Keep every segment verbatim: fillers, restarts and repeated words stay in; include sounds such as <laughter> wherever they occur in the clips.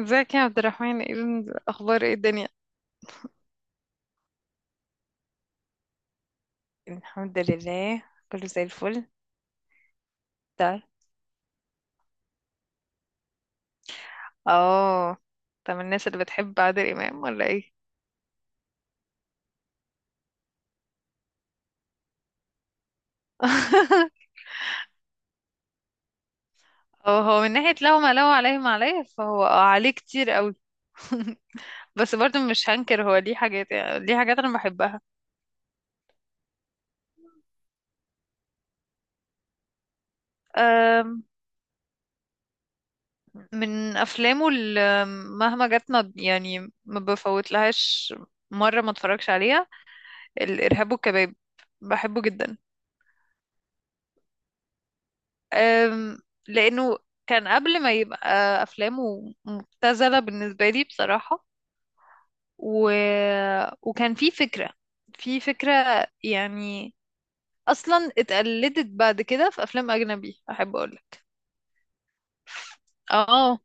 ازيك يا عبد الرحمن؟ ايه الاخبار؟ ايه الدنيا؟ الحمد لله، كله زي الفل. ده. اه. طب الناس اللي بتحب عادل امام ولا ايه؟ <laughs> اه، هو من ناحية لو ما لو عليه ما عليه، فهو اه عليه كتير قوي. <laughs> بس برضه مش هنكر هو ليه حاجات يعني ليه حاجات انا بحبها. أم، من افلامه اللي مهما جت، ما- يعني ما بفوت لهاش مرة ما اتفرجش عليها، الارهاب والكباب، بحبه جدا. أم، لأنه كان قبل ما يبقى أفلامه مبتذلة بالنسبة لي بصراحة. و... وكان في فكرة في فكرة، يعني أصلا اتقلدت بعد كده في أفلام أجنبي، أحب أقولك. اه،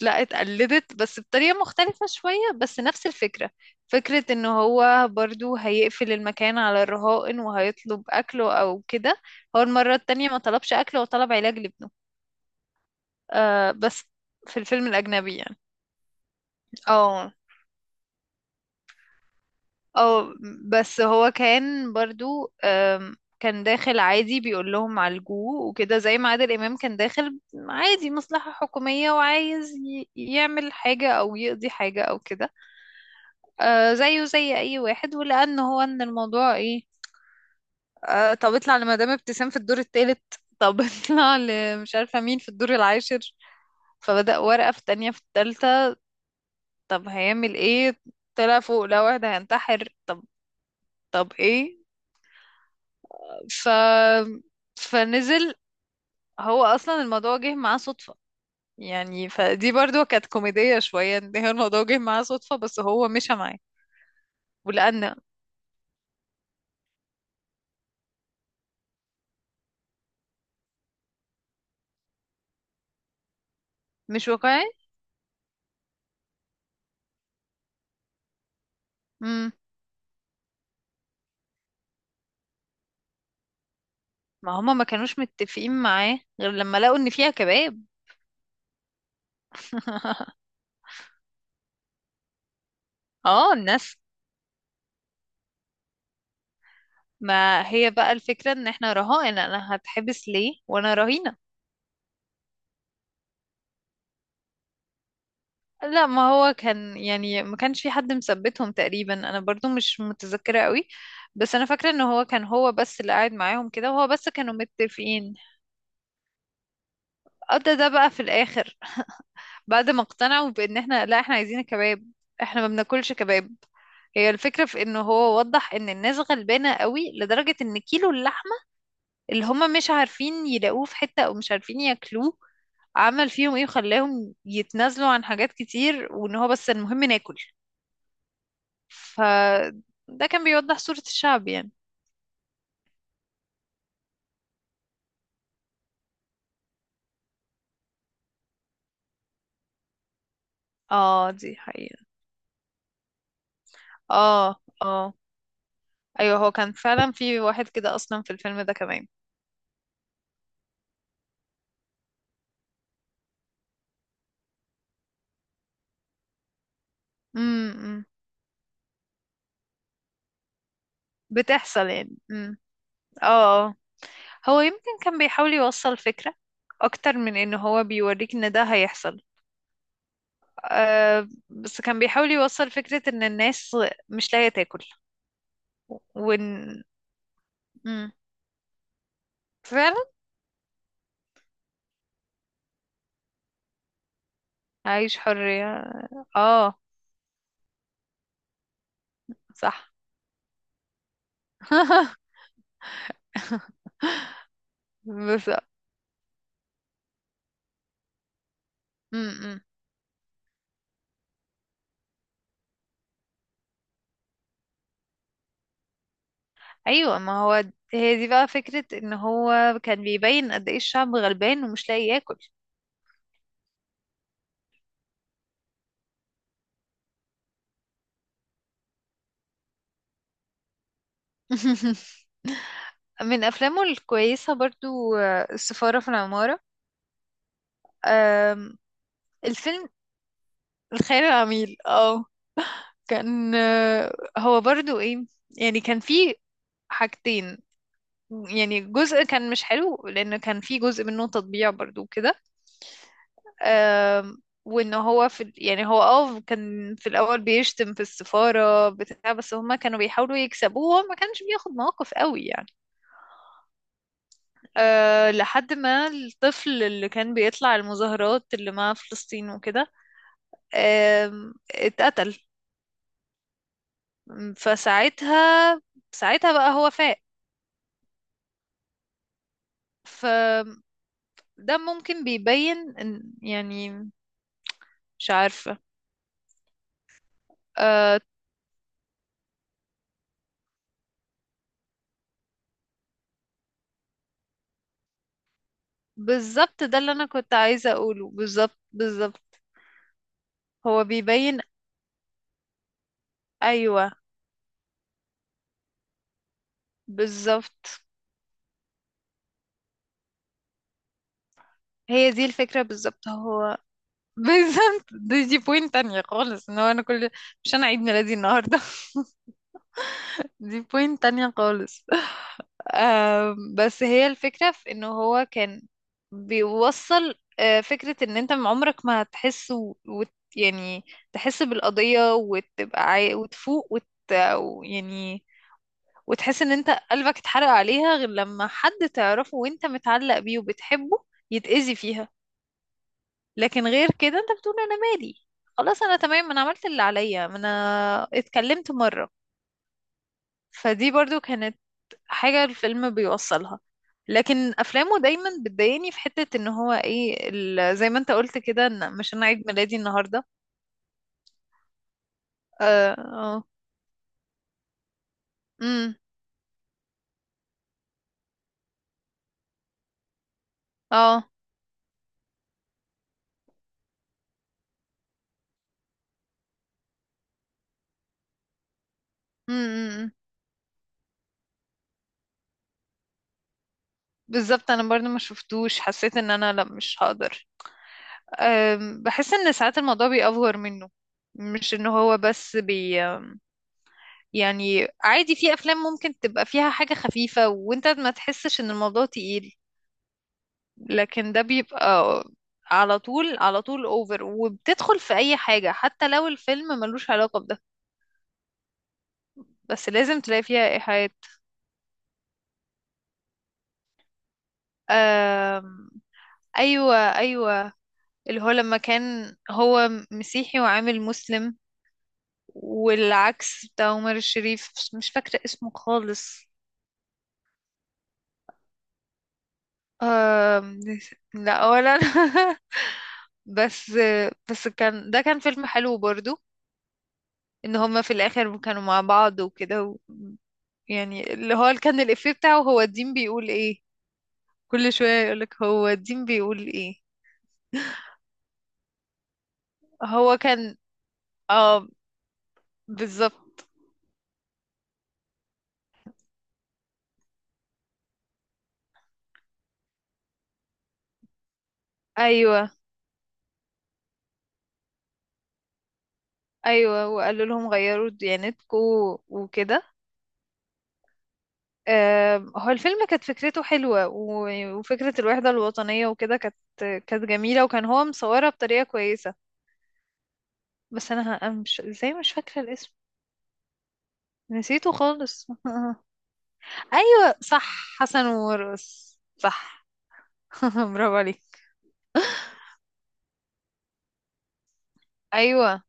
لا، اتقلدت بس بطريقة مختلفة شوية، بس نفس الفكرة. فكرة ان هو برضو هيقفل المكان على الرهائن وهيطلب اكله او كده. هو المرة التانية ما طلبش اكل، هو طلب علاج لابنه. آه، بس في الفيلم الأجنبي يعني. اه، اه، بس هو كان برضو، آم، كان داخل عادي بيقول لهم عالجوه وكده، زي ما عادل إمام كان داخل عادي مصلحة حكومية وعايز ي- يعمل حاجة أو يقضي حاجة أو كده. آه، زيه زي أي واحد، ولأن هو إن الموضوع إيه. آه، طب اطلع لمدام ابتسام في الدور التالت، طب <laughs> اطلع لمش عارفة مين في الدور العاشر. فبدأ ورقة في التانية في التالتة، طب هيعمل ايه؟ طلع فوق لقى واحد هينتحر، طب. طب ايه؟ ف فنزل. هو اصلا الموضوع جه معاه صدفة، يعني فدي برضو كانت كوميدية شوية، ان هي الموضوع جه معاه صدفة بس هو مشى معاه. ولأن مش واقعي. امم. ما هما ما كانوش متفقين معاه غير لما لقوا ان فيها كباب. <laughs> اه، الناس. ما هي بقى الفكرة ان احنا رهائن، انا هتحبس ليه وانا رهينة؟ لا، ما هو كان، يعني ما كانش في حد مثبتهم تقريبا، انا برضو مش متذكرة قوي. بس انا فاكرة ان هو كان، هو بس اللي قاعد معاهم كده، وهو بس كانوا متفقين. قضى ده بقى في الاخر، بعد ما اقتنعوا بان احنا، لا، احنا عايزين كباب، احنا ما بناكلش كباب. هي الفكرة في انه هو وضح ان الناس غلبانة قوي، لدرجة ان كيلو اللحمة اللي هما مش عارفين يلاقوه في حتة، او مش عارفين ياكلوه، عمل فيهم ايه وخلاهم يتنازلوا عن حاجات كتير، وان هو بس المهم ناكل. فده كان بيوضح صورة الشعب يعني. اه، دي حقيقة. اه، اه، ايوه، هو كان فعلا في واحد كده اصلا في الفيلم ده كمان. امم، بتحصل يعني. امم. اه. آه. هو يمكن كان بيحاول يوصل فكرة اكتر من ان هو بيوريك ان ده هيحصل. آه، بس كان بيحاول يوصل فكرة ان الناس مش لاقية تاكل، وان امم فعلا. عايش حرية. اه. صح. <laughs> بس، امم، ايوه، ما هو هي دي بقى فكرة ان هو كان بيبين قد ايه الشعب غلبان ومش لاقي ياكل. <laughs> من افلامه الكويسة برضو آه، السفارة في العمارة. آم، الفيلم الخيال العميل، اه، كان، آه، هو برضو ايه، يعني كان فيه حاجتين. يعني جزء كان مش حلو، لان كان فيه جزء منه تطبيع برضو كده. آم، وان هو في ال- يعني هو اه كان في الاول بيشتم في السفارة بتاع، بس هما كانوا بيحاولوا يكسبوه، وهو ما كانش بياخد مواقف قوي يعني. أه، لحد ما الطفل اللي كان بيطلع المظاهرات اللي مع فلسطين وكده، آم، اتقتل. فساعتها ساعتها بقى هو فاق. فده ممكن بيبين إن- يعني، مش عارفة. أه، بالظبط، ده اللي انا كنت عايزة اقوله، بالظبط بالظبط، هو بيبين. ايوه، بالظبط، هي دي الفكرة، بالظبط هو. <laughs> بالظبط، دي دي بوينت تانية خالص، ان هو انا كل، مش انا عيد ميلادي النهاردة. <laughs> دي بوينت تانية خالص. <laughs> آم، بس هي الفكرة في انه هو كان بيوصل آه، فكرة ان انت من عمرك ما هتحس، و... وت... يعني تحس بالقضية، وتبقى عاي... وتفوق وت.... و- يعني وتحس ان انت قلبك اتحرق عليها غير لما حد تعرفه وانت متعلق بيه وبتحبه يتأذي فيها. لكن غير كده انت بتقول انا مالي، خلاص انا تمام، انا عملت اللي عليا، ما انا اتكلمت مرة. فدي برضو كانت حاجة الفيلم بيوصلها. لكن افلامه دايما بتضايقني في حتة ان هو ايه ال- زي ما انت قلت كده، ان مش انا عيد ميلادي النهاردة. اه. اه. امم. اه. امم، بالظبط، انا برضو ما شفتوش، حسيت ان انا لا مش هقدر. أم، بحس ان ساعات الموضوع بيأفور منه، مش ان هو بس بي يعني عادي، في افلام ممكن تبقى فيها حاجة خفيفة وانت ما تحسش ان الموضوع تقيل. لكن ده بيبقى على طول، على طول اوفر، وبتدخل في اي حاجة حتى لو الفيلم ملوش علاقة بده. بس لازم تلاقي فيها ايحاءات. آم، ايوه، ايوه، اللي هو لما كان هو مسيحي وعامل مسلم، والعكس بتاع عمر الشريف، بس مش فاكرة اسمه خالص. آم، لا، ولا أنا. <laughs> بس بس كان ده كان فيلم حلو برضو، ان هما في الاخر كانوا مع بعض وكده و... يعني، اللي هو كان الافيه بتاعه هو الدين بيقول ايه. كل شوية يقولك هو الدين بيقول ايه. هو كان، اه، بالظبط. ايوه، ايوه، وقالوا لهم غيروا ديانتكم وكده. آه، هو الفيلم كانت فكرته حلوة، و- وفكرة الوحدة الوطنية وكده كانت كانت جميلة، وكان هو مصورها بطريقة كويسة. بس انا، ه- أنا مش ازاي، مش فاكرة الاسم، نسيته خالص. <laughs> ايوه، صح، حسن ومرقص، صح. <laughs> برافو عليك. ايوه،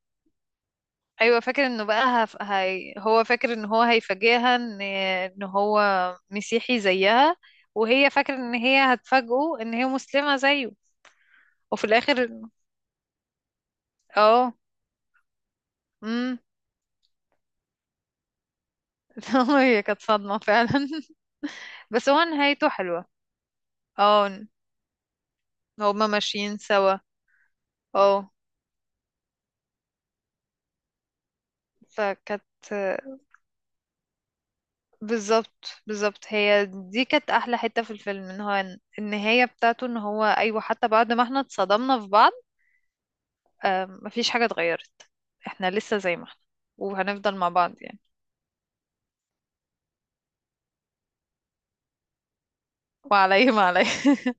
ايوه، فاكر انه بقى هف... هي... هو فاكر ان هو هيفاجئها ان ان هو مسيحي زيها، وهي فاكره ان هي هتفاجئه ان هي مسلمه زيه. وفي الاخر، اه امم <laughs> هي كانت صدمه فعلا. <laughs> بس هو نهايته حلوه، اه، هما ماشيين سوا. اه، فكانت، بالظبط بالظبط، هي دي كانت احلى حتة في الفيلم، ان هو النهاية بتاعته ان هو ايوه، حتى بعد ما احنا اتصدمنا في بعض، آه، مفيش حاجة اتغيرت، احنا لسه زي ما احنا، وهنفضل مع بعض يعني. وعليه ما عليه.